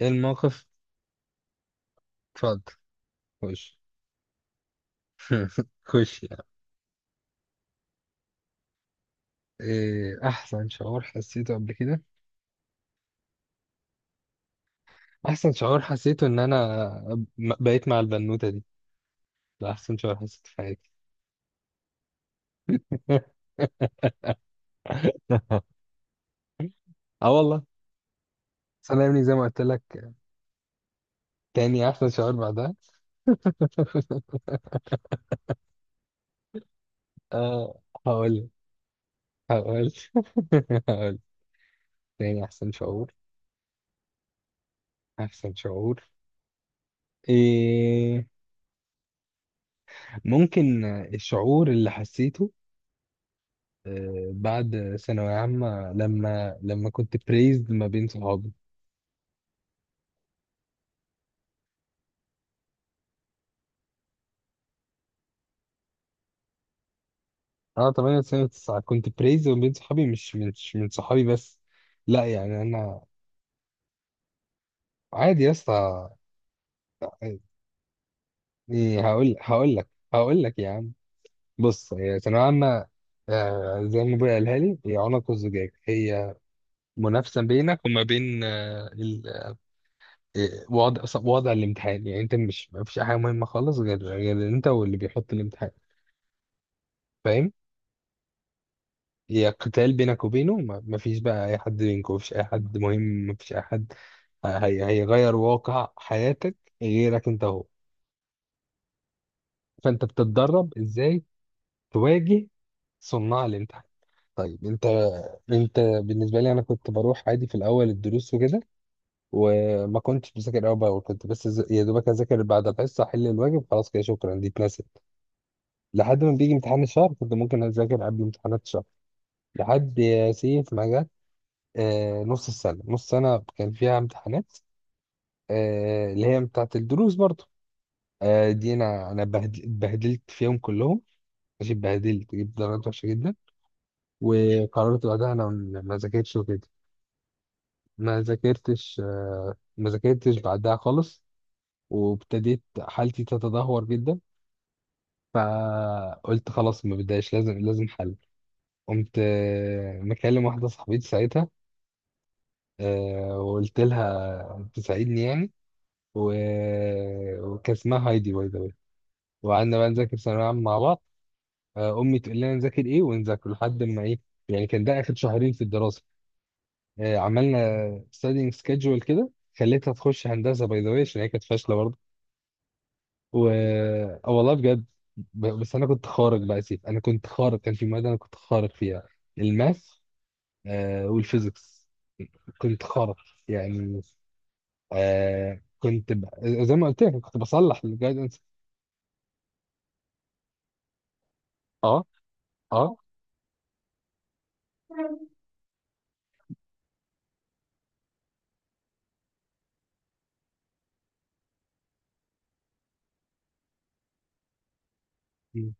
ايه الموقف؟ اتفضل. خش. خش يعني. ايه احسن شعور حسيته قبل كده؟ احسن شعور حسيته ان انا بقيت مع البنوتة دي. ده احسن شعور حسيته في حياتي. اه والله. سلامني زي ما قلت لك. تاني احسن شعور بعدها. أه، هقول هقول هقول. تاني احسن شعور. احسن شعور إيه ممكن، الشعور اللي حسيته. آه، بعد ثانوية عامة لما كنت بريزد ما بين صحابي. أنا 8 سنة 9 كنت بريزد ما بين صحابي، مش من صحابي بس. لا يعني أنا. عادي يا اسطى. إيه، هقول لك هقول لك يا عم. بص، هي ثانوية عامة. آه، زي ما ابويا قالها لي، هي عنق الزجاج، هي منافسة بينك وما بين وضع الامتحان. يعني انت مش، ما فيش حاجة مهمة خالص غير انت واللي بيحط الامتحان. فاهم؟ هي قتال بينك وبينه، ما فيش بقى اي حد بينكم، ما فيش اي حد مهم، ما فيش اي حد. هي هيغير واقع حياتك غيرك انت هو. فانت بتتدرب ازاي تواجه صناع الامتحان. طيب، انت بالنسبه لي، انا كنت بروح عادي في الاول الدروس وكده، وما كنتش بذاكر اول باول. كنت بس، يا دوبك اذاكر بعد الحصه، احل الواجب، خلاص، كده، شكرا، دي اتنست، لحد ما بيجي امتحان الشهر. كنت ممكن اذاكر قبل امتحانات الشهر لحد يا سيف ما جه. آه، نص السنة، نص سنة كان فيها امتحانات، آه، اللي هي بتاعت الدروس برضو. آه، دي أنا اتبهدلت فيهم كلهم. ماشي، اتبهدلت، جبت درجات وحشة جدا، وقررت بعدها أنا، ما ذاكرتش وكده. ما ذاكرتش، آه، ما ذاكرتش بعدها خالص، وابتديت حالتي تتدهور جدا. فقلت خلاص، ما بداش، لازم حل. قمت، آه، مكلم واحدة صاحبتي ساعتها، آه، وقلت لها تساعدني يعني. و... وكان اسمها هايدي، باي ذا واي. وقعدنا بقى نذاكر ثانوية عامة مع بعض. آه، أمي تقول لنا نذاكر إيه ونذاكر لحد ما إيه. يعني كان ده آخر شهرين في الدراسة. آه، عملنا studying schedule كده. خليتها تخش هندسة باي ذا واي عشان هي كانت فاشلة برضه. و آه، والله بجد. بس أنا كنت خارق بقى يا سيف، أنا كنت خارق، كان في مادة أنا كنت خارق فيها، الماث، آه، والفيزيكس، كنت خارق يعني. آه، كنت ب... زي ما قلت لك، كنت بصلح الجايدنس. اه، اه. مم.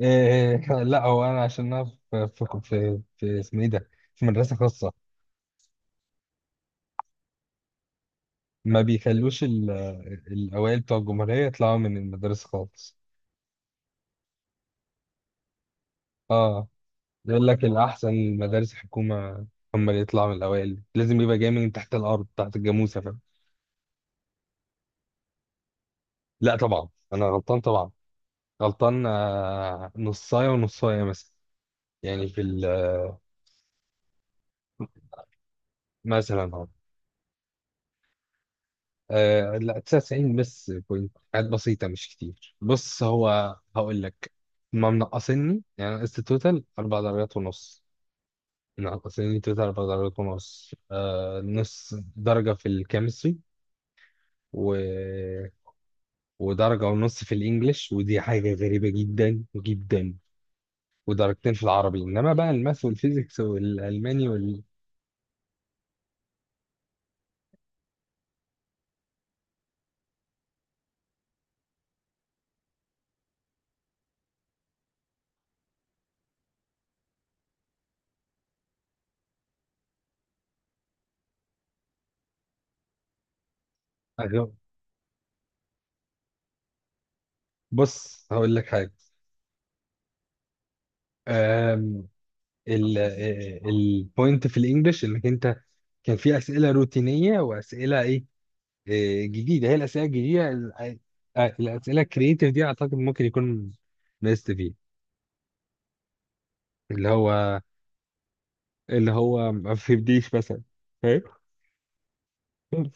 إيه، لا هو انا عشان انا في اسمه ايه ده، في مدرسه خاصه، ما بيخلوش الاوائل بتوع الجمهوريه يطلعوا من المدارس خالص. اه، يقول لك الاحسن المدارس الحكومه، هم اللي يطلعوا من الاوائل، لازم يبقى جاي من تحت الارض، تحت الجاموسه، فاهم. لا طبعا انا غلطان طبعا، غلطان، آه، نصايه ونصايه مثلا، يعني في مثلا أهو. آه لا، 99 بس بوينت، حاجات بسيطة مش كتير. بص هو هقول لك، ما منقصني، يعني نقصت توتال أربع درجات ونص. منقصني توتال أربع درجات ونص، آه، نص درجة في الكيمستري و... ودرجة ونص في الإنجليش، ودي حاجة غريبة جدا جدا، ودرجتين في العربي، إنما بقى الماث والفيزيكس والألماني وال... بص، هقول لك حاجة. آم، ال البوينت في الانجليش، انك انت كان في اسئله روتينيه واسئله ايه، آه، جديده. هي الاسئله الجديده، آه، الاسئله الكرييتيف دي، اعتقد ممكن يكون مست فيه، اللي هو اللي هو ما فهمنيش مثلا. فاهم.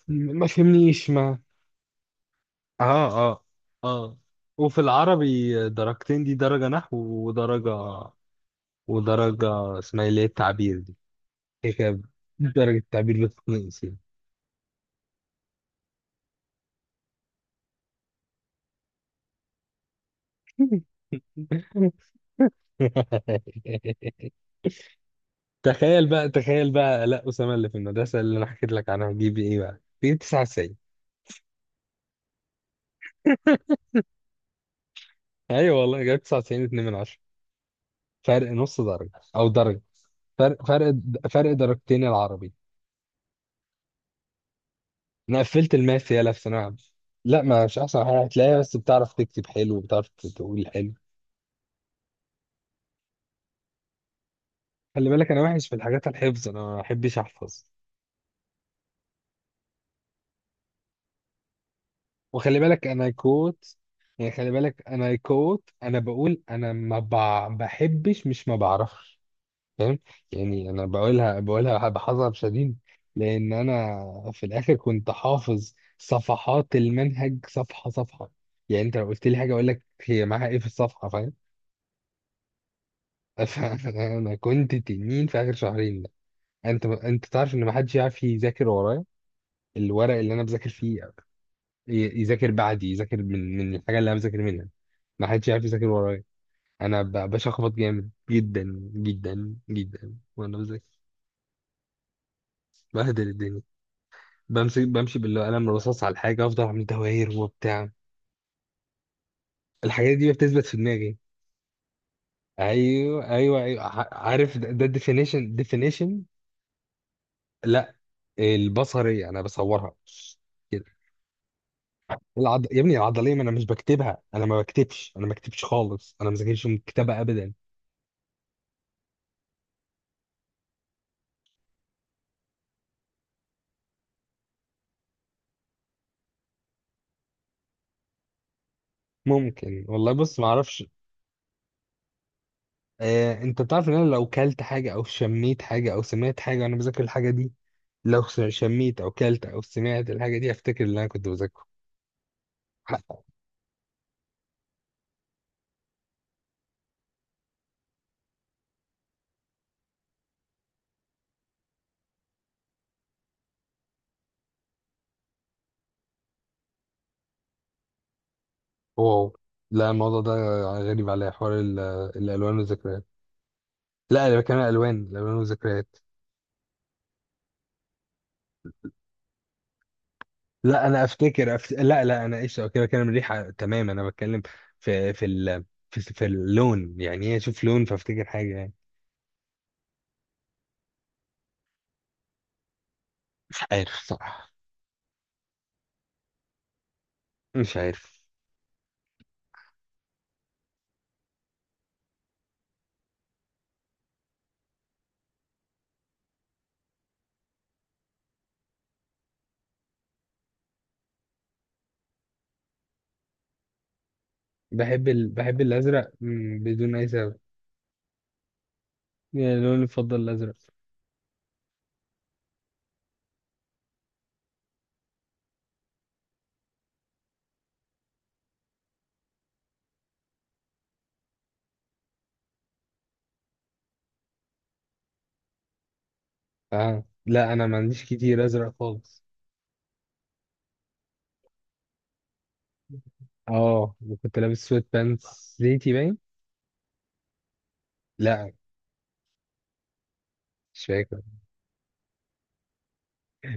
ما فهمنيش، ما... اه، اه، اه. وفي العربي درجتين، دي درجه نحو، ودرجه اسمها إيه، اللي هي التعبير دي. هي كده، درجه التعبير بتتنقص يعني. تخيل بقى لا، أسامة اللي في المدرسة اللي أنا حكيت لك عنها، جيب إيه بقى؟ جيب 99. أيوه والله جايب 99 2 من 10، فرق نص درجة أو درجة، فرق، فرق درجتين العربي. أنا قفلت الماث يالا في ثانوية عامة. لا، ما مش أحسن حاجة هتلاقيها، بس بتعرف تكتب حلو وبتعرف تقول حلو. خلي بالك أنا وحش في الحاجات الحفظ، أنا ما بحبش أحفظ. وخلي بالك أنا كوت، يعني خلي بالك أنا كوت، أنا بقول، أنا ما بع- بحبش، مش ما بعرفش. فاهم. يعني انا بقولها بحذر شديد، لان انا في الاخر كنت حافظ صفحات المنهج صفحه صفحه. يعني انت لو قلت لي حاجه اقول لك هي معاها ايه في الصفحه. فاهم. فانا كنت تنين في اخر شهرين ده. انت تعرف ان ما حدش يعرف يذاكر ورايا، الورق اللي انا بذاكر فيه، يذاكر بعدي، يذاكر من الحاجه اللي انا بذاكر منها. ما حدش يعرف يذاكر ورايا. انا بشخبط جامد جدا جدا جدا وانا بذاكر، بهدل الدنيا، بمسك، بمشي بالقلم الرصاص على الحاجة، أفضل أعمل دواير وبتاع. الحاجات دي بتثبت في دماغي. أيوه، أيوه، أيوه، عارف، ده definition لا، البصرية أنا بصورها كده. يا ابني العضلية، ما أنا مش بكتبها، أنا ما بكتبش خالص، أنا ما ذاكرش من الكتابة أبدا. ممكن والله، بص ما أعرفش. آه، أنت بتعرف إن أنا لو كلت حاجة أو شميت حاجة أو سمعت حاجة وأنا بذاكر الحاجة دي، لو شميت أو كلت أو سمعت الحاجة دي، أفتكر اللي أنا كنت بذاكره. واو. لا، الموضوع ده غريب عليا، حوار الالوان والذكريات. لا انا بتكلم عن الالوان والذكريات. لا انا افتكر، لا لا، انا ايش كده بتكلم الريحه، تمام. انا بتكلم في في ال... في اللون. يعني ايه اشوف لون فافتكر حاجه يعني. مش عارف صراحه. مش عارف. بحب الازرق، مم، بدون اي سبب. يعني اللون المفضل الازرق. اه لا، انا ما عنديش كتير ازرق خالص. اه، وكنت لابس سويت بانس زيتي باين. لا، مش فاكر.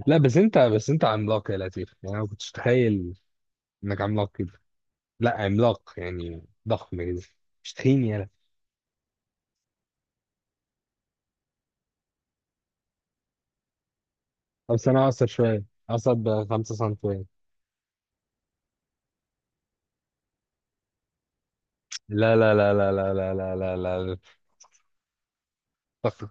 لا بس انت، عملاق يا لطيف. يعني انا ما كنتش متخيل انك عملاق كده. لا عملاق يعني، ضخم كده، مش تخين يا لطيف. بس انا اقصر شويه، اقصر بخمسة سنتيمتر. لا لا لا لا لا لا لا لا لا. لا.